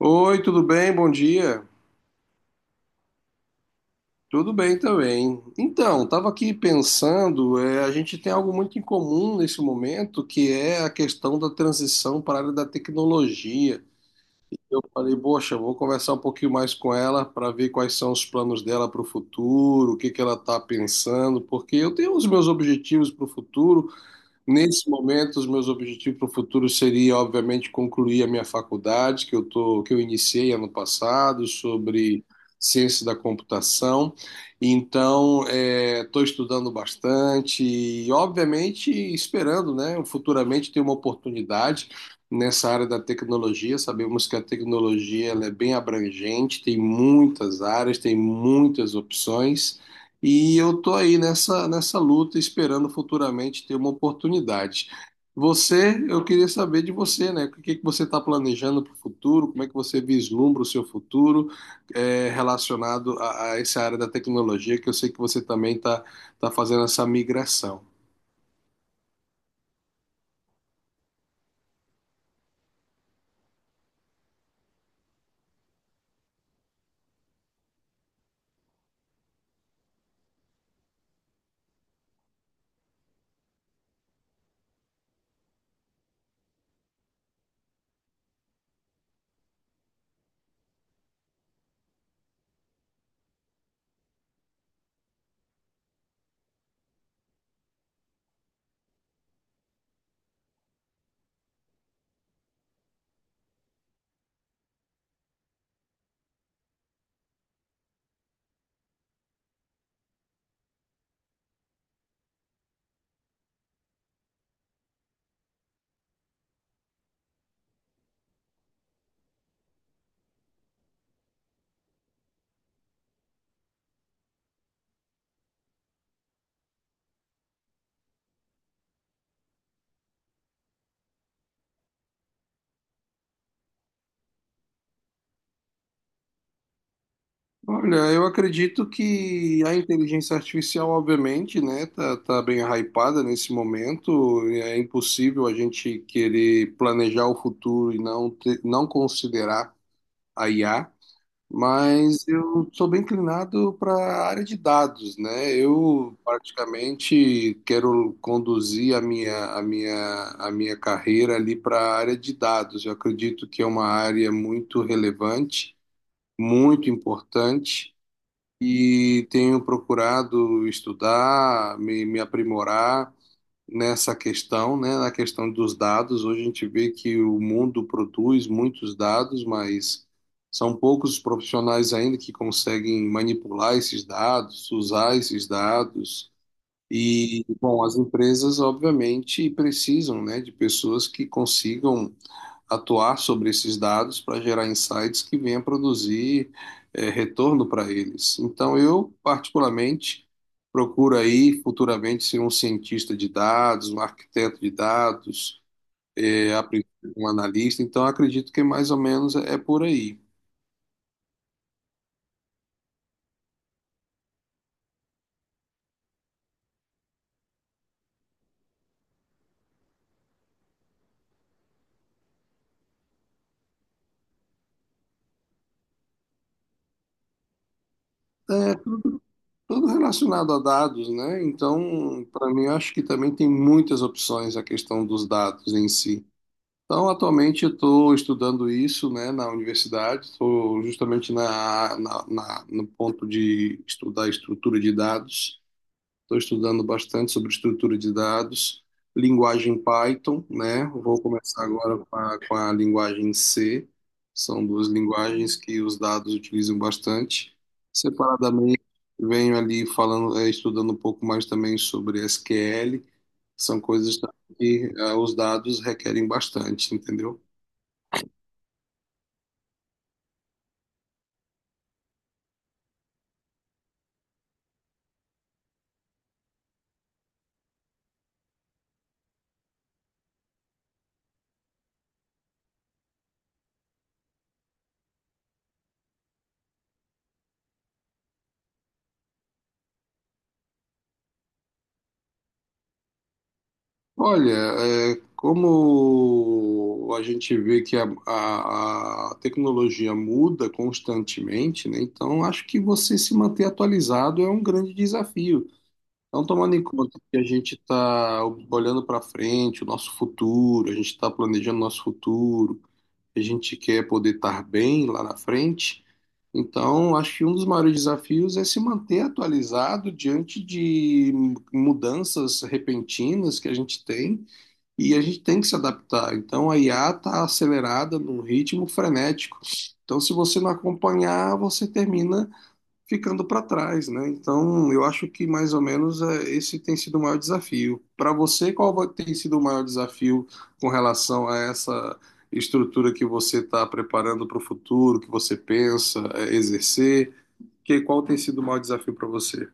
Oi, tudo bem? Bom dia. Tudo bem também. Então, estava aqui pensando, a gente tem algo muito em comum nesse momento, que é a questão da transição para a área da tecnologia. Eu falei, poxa, vou conversar um pouquinho mais com ela para ver quais são os planos dela para o futuro, o que que ela está pensando, porque eu tenho os meus objetivos para o futuro. Nesse momento, os meus objetivos para o futuro seria, obviamente, concluir a minha faculdade, que eu iniciei ano passado, sobre ciência da computação. Então, estou estudando bastante e, obviamente, esperando, né, futuramente ter uma oportunidade nessa área da tecnologia. Sabemos que a tecnologia ela é bem abrangente, tem muitas áreas, tem muitas opções. E eu tô aí nessa luta, esperando futuramente ter uma oportunidade. Você, eu queria saber de você, né? O que que você está planejando para o futuro? Como é que você vislumbra o seu futuro relacionado a essa área da tecnologia, que eu sei que você também está tá fazendo essa migração. Olha, eu acredito que a inteligência artificial, obviamente, né, tá bem hypada nesse momento. É impossível a gente querer planejar o futuro e não considerar a IA, mas eu sou bem inclinado para a área de dados, né? Eu praticamente quero conduzir a minha carreira ali para a área de dados. Eu acredito que é uma área muito relevante, muito importante, e tenho procurado estudar, me aprimorar nessa questão, né, na questão dos dados. Hoje a gente vê que o mundo produz muitos dados, mas são poucos os profissionais ainda que conseguem manipular esses dados, usar esses dados. E, bom, as empresas, obviamente, precisam, né, de pessoas que consigam atuar sobre esses dados para gerar insights que venham produzir retorno para eles. Então, eu, particularmente, procuro aí futuramente ser um cientista de dados, um arquiteto de dados, a princípio, um analista. Então, acredito que mais ou menos é por aí. É tudo relacionado a dados, né? Então, para mim, eu acho que também tem muitas opções a questão dos dados em si. Então, atualmente eu estou estudando isso, né, na universidade, estou justamente no ponto de estudar estrutura de dados. Estou estudando bastante sobre estrutura de dados, linguagem Python, né? Vou começar agora com a linguagem C. São duas linguagens que os dados utilizam bastante. Separadamente, venho ali falando, estudando um pouco mais também sobre SQL. São coisas também que os dados requerem bastante, entendeu? Olha, é, como a gente vê que a tecnologia muda constantemente, né? Então acho que você se manter atualizado é um grande desafio. Então, tomando em conta que a gente está olhando para frente, o nosso futuro, a gente está planejando nosso futuro, a gente quer poder estar bem lá na frente. Então, acho que um dos maiores desafios é se manter atualizado diante de mudanças repentinas que a gente tem e a gente tem que se adaptar. Então a IA está acelerada num ritmo frenético. Então, se você não acompanhar, você termina ficando para trás, né? Então, eu acho que mais ou menos esse tem sido o maior desafio. Para você, tem sido o maior desafio com relação a essa estrutura que você está preparando para o futuro, que você pensa exercer? Qual tem sido o maior desafio para você?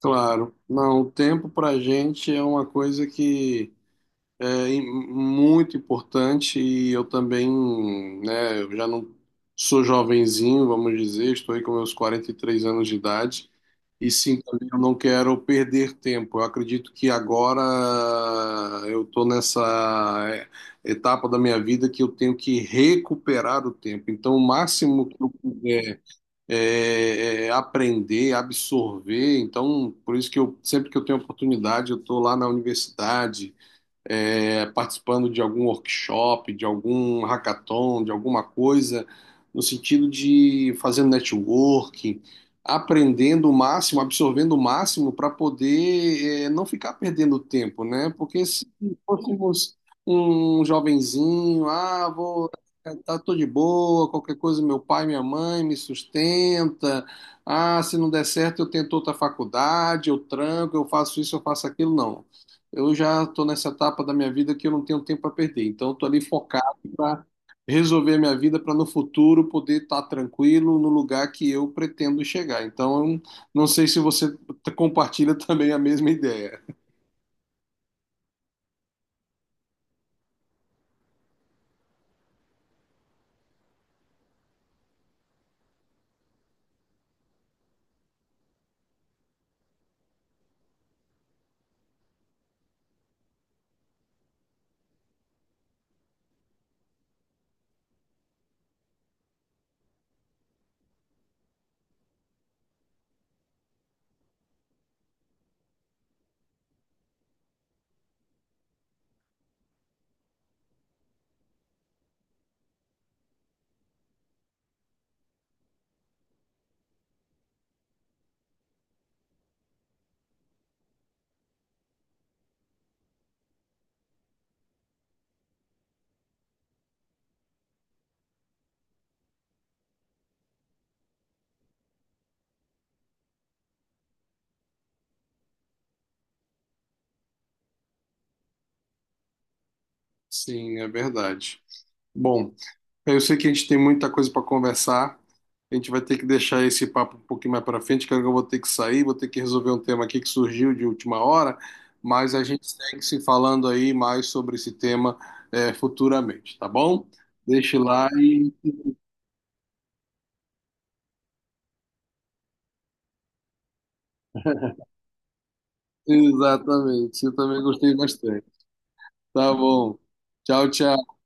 Claro, não, o tempo para a gente é uma coisa que é muito importante e eu também, né, eu já não sou jovenzinho, vamos dizer, estou aí com meus 43 anos de idade e sim, também eu não quero perder tempo. Eu acredito que agora eu estou nessa etapa da minha vida que eu tenho que recuperar o tempo. Então, o máximo que eu puder é, é aprender, absorver. Então, por isso que eu sempre que eu tenho oportunidade, eu estou lá na universidade participando de algum workshop, de algum hackathon, de alguma coisa, no sentido de fazendo networking, aprendendo o máximo, absorvendo o máximo para poder não ficar perdendo tempo, né? Porque se fôssemos um jovenzinho, ah, vou tá, tô de boa, qualquer coisa, meu pai, minha mãe me sustenta. Ah, se não der certo, eu tento outra faculdade, eu tranco, eu faço isso, eu faço aquilo. Não, eu já estou nessa etapa da minha vida que eu não tenho tempo para perder. Então, estou ali focado para resolver a minha vida para no futuro poder estar tranquilo no lugar que eu pretendo chegar. Então, eu não não sei se você compartilha também a mesma ideia. Sim, é verdade. Bom, eu sei que a gente tem muita coisa para conversar. A gente vai ter que deixar esse papo um pouquinho mais para frente, que agora eu vou ter que sair, vou ter que resolver um tema aqui que surgiu de última hora, mas a gente segue se falando aí mais sobre esse tema futuramente, tá bom? Deixe lá e. Exatamente, eu também gostei bastante. Tá bom. Tchau, tchau.